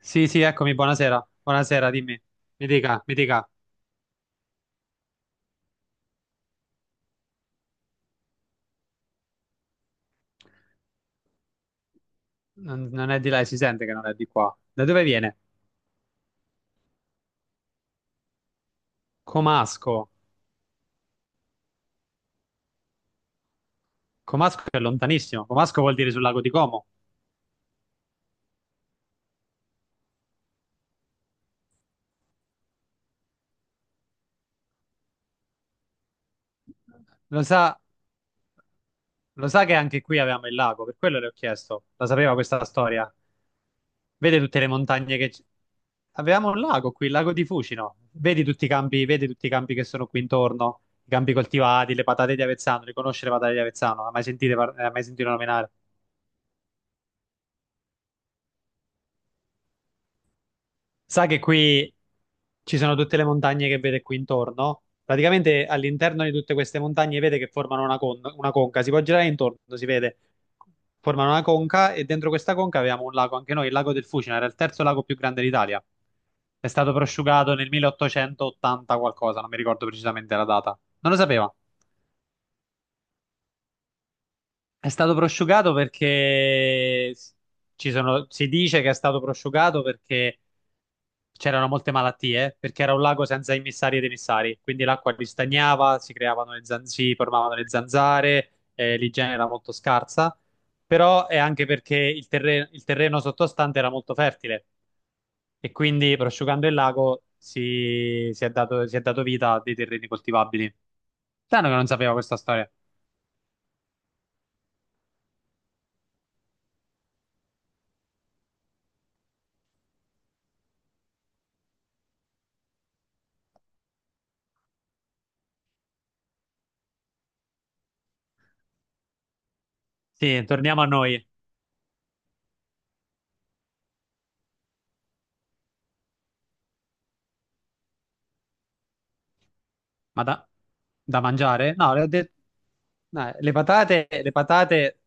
Sì, sì, eccomi, buonasera. Buonasera, dimmi. Mi dica, mi dica. Non è di là, si sente che non è di qua. Da dove viene? Comasco. Comasco è lontanissimo. Comasco vuol dire sul lago di Como. Lo sa, lo sa che anche qui avevamo il lago, per quello le ho chiesto. La sapeva questa storia. Vede tutte le montagne che... c- Avevamo un lago qui, il lago di Fucino. Vedi tutti i campi che sono qui intorno, i campi coltivati, le patate di Avezzano. Riconosce le patate di Avezzano? Ha mai sentito nominare? Sa che qui ci sono tutte le montagne che vede qui intorno? Praticamente all'interno di tutte queste montagne vede che formano una conca, si può girare intorno, si vede. Formano una conca e dentro questa conca avevamo un lago, anche noi, il lago del Fucina, era il terzo lago più grande d'Italia. È stato prosciugato nel 1880 qualcosa, non mi ricordo precisamente la data. Non lo sapeva. È stato prosciugato perché s- ci sono- Si dice che è stato prosciugato perché c'erano molte malattie, perché era un lago senza immissari ed emissari, quindi l'acqua ristagnava, si formavano le zanzare, l'igiene era molto scarsa, però è anche perché il terreno sottostante era molto fertile e quindi prosciugando il lago si è dato vita a dei terreni coltivabili. Strano che non sapevo questa storia. Sì, torniamo a noi. Ma da, da mangiare? No, le ho detto... no, le patate,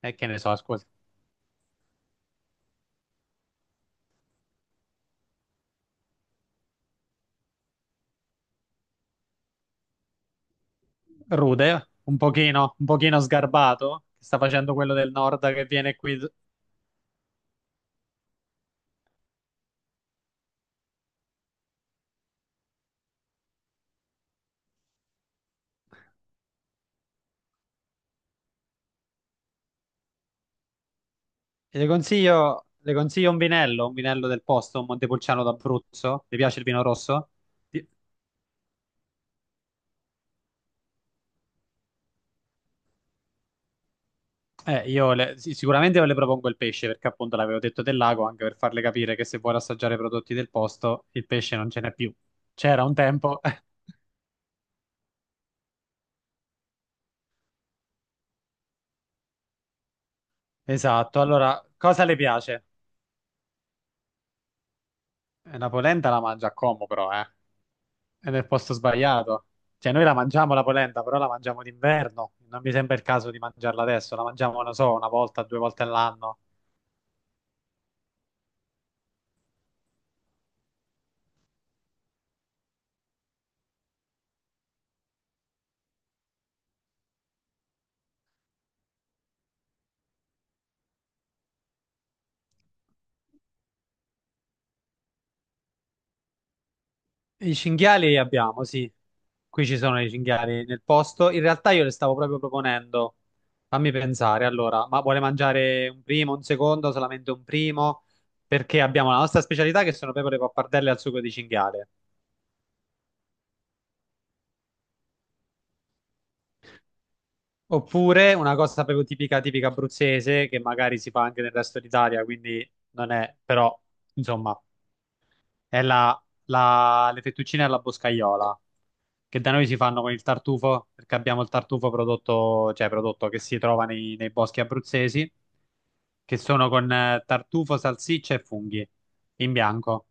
che ne so, ascolta, rude, un pochino sgarbato, che sta facendo quello del nord che viene qui. E le consiglio un vinello del posto, un Montepulciano d'Abruzzo. Le piace il vino rosso? Di- sì, sicuramente io le propongo il pesce, perché appunto l'avevo detto del lago, anche per farle capire che se vuole assaggiare i prodotti del posto, il pesce non ce n'è più. C'era un tempo. Esatto, allora, cosa le piace? La polenta la mangia a Como però, eh. È nel posto sbagliato. Cioè, noi la mangiamo la polenta, però la mangiamo d'inverno. Non mi sembra il caso di mangiarla adesso. La mangiamo, non so, una volta, due volte all'anno. I cinghiali li abbiamo, sì. Qui ci sono i cinghiali nel posto. In realtà io le stavo proprio proponendo. Fammi pensare, allora, ma vuole mangiare un primo, un secondo, solamente un primo? Perché abbiamo la nostra specialità che sono pecore pappardelle al sugo di cinghiale. Oppure una cosa proprio tipica abruzzese, che magari si fa anche nel resto d'Italia, quindi non è, però, insomma, è la, le fettuccine alla boscaiola, che da noi si fanno con il tartufo, perché abbiamo il tartufo prodotto, cioè prodotto che si trova nei boschi abruzzesi, che sono con tartufo, salsiccia e funghi, in bianco.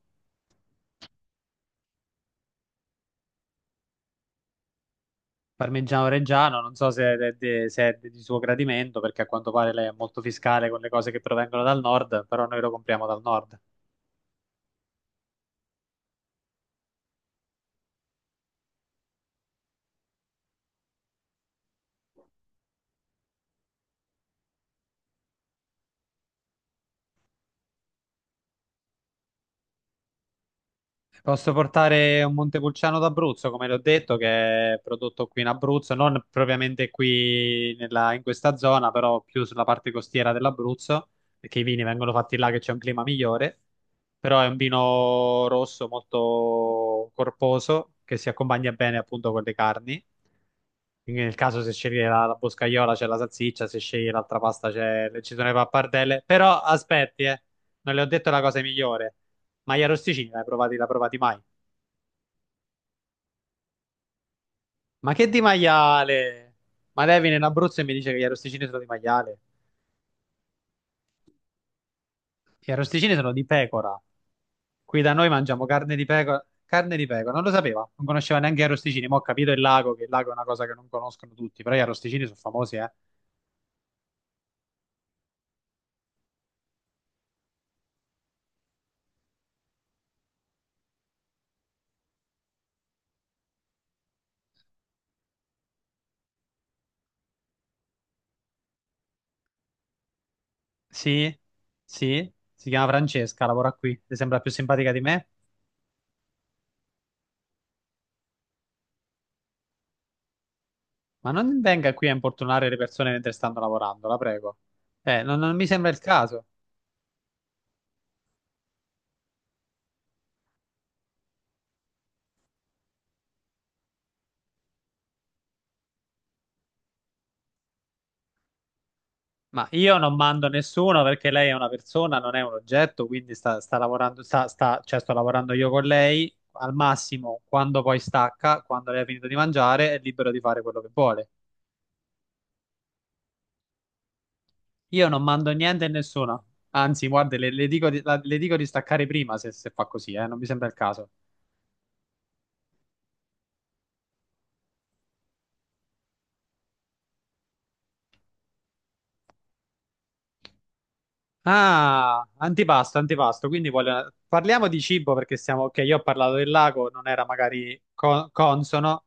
Parmigiano Reggiano, non so se è di suo gradimento, perché a quanto pare lei è molto fiscale con le cose che provengono dal nord, però noi lo compriamo dal nord. Posso portare un Montepulciano d'Abruzzo, come l'ho detto, che è prodotto qui in Abruzzo, non propriamente in questa zona, però più sulla parte costiera dell'Abruzzo, perché i vini vengono fatti là che c'è un clima migliore. Però è un vino rosso molto corposo che si accompagna bene appunto con le carni. Quindi nel caso se scegli la boscaiola c'è la salsiccia, se scegli l'altra pasta ci sono le pappardelle. Però aspetti, non le ho detto la cosa migliore. Maglia Rosticini, l'hai provati, l'ha provati mai? Ma che di maiale? Ma lei viene in Abruzzo e mi dice che gli arrosticini sono di maiale. Gli arrosticini sono di pecora. Qui da noi mangiamo carne di pecora. Carne di pecora, non lo sapeva, non conosceva neanche gli arrosticini. Ma ho capito il lago, che il lago è una cosa che non conoscono tutti, però gli arrosticini sono famosi, eh. Sì, sì, si chiama Francesca, lavora qui. Le sembra più simpatica di me? Ma non venga qui a importunare le persone mentre stanno lavorando, la prego. Non mi sembra il caso. Ma io non mando nessuno perché lei è una persona, non è un oggetto, quindi sta lavorando, cioè sto lavorando io con lei. Al massimo, quando poi stacca, quando lei ha finito di mangiare, è libero di fare quello che vuole. Io non mando niente a nessuno. Anzi, guarda, le dico di staccare prima se fa così, non mi sembra il caso. Ah, antipasto, antipasto. Quindi parliamo di cibo perché siamo, ok, io ho parlato del lago, non era magari consono.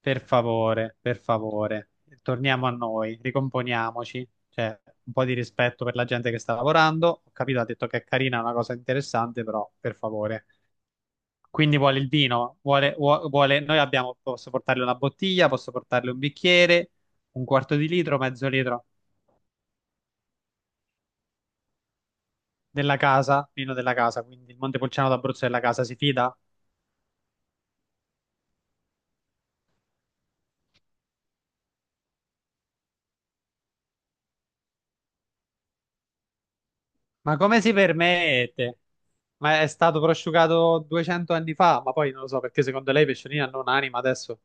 Per favore, torniamo a noi, ricomponiamoci, cioè un po' di rispetto per la gente che sta lavorando. Ho capito, ha detto che è carina, è una cosa interessante, però per favore. Quindi vuole il vino, noi abbiamo, posso portarle una bottiglia, posso portarle un bicchiere, un quarto di litro, mezzo litro della casa, vino della casa, quindi il Montepulciano d'Abruzzo della casa, si fida? Ma come si permette? Ma è stato prosciugato 200 anni fa, ma poi non lo so perché secondo lei Pesciolina non ha anima adesso.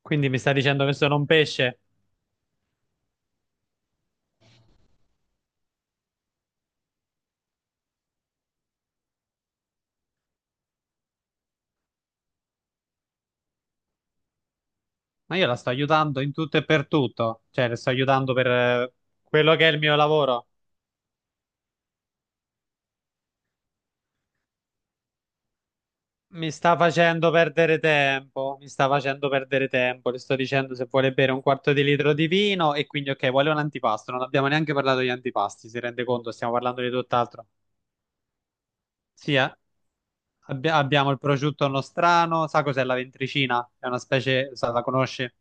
Quindi mi sta dicendo che sono un pesce, ma io la sto aiutando in tutto e per tutto, cioè le sto aiutando per quello che è il mio lavoro. Mi sta facendo perdere tempo, mi sta facendo perdere tempo, le sto dicendo se vuole bere un quarto di litro di vino e quindi ok, vuole un antipasto, non abbiamo neanche parlato di antipasti, si rende conto, stiamo parlando di tutt'altro. Sì, abbiamo il prosciutto nostrano, sa cos'è la ventricina? È una specie, sa, la conosci?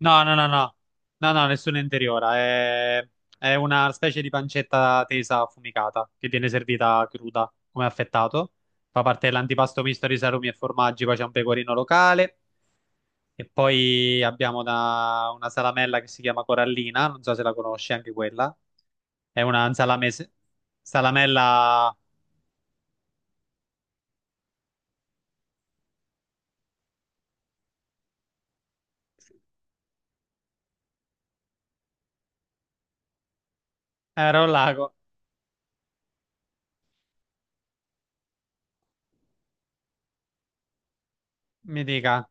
No, no, no, no, no, no, nessuna interiora. È una specie di pancetta tesa affumicata che viene servita cruda come affettato. Fa parte dell'antipasto misto di salumi e formaggi. Poi c'è un pecorino locale. E poi abbiamo una salamella che si chiama Corallina. Non so se la conosci, anche quella. È una salamese. Salamella. Era un lago, mi dica.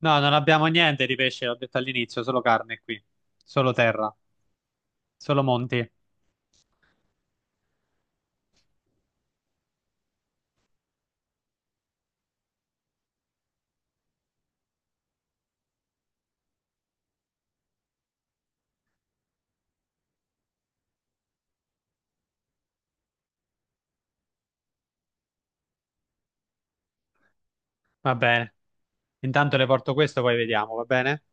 No, non abbiamo niente di pesce, l'ho detto all'inizio, solo carne qui, solo terra, solo monti. Va bene. Intanto le porto questo, poi vediamo, va bene?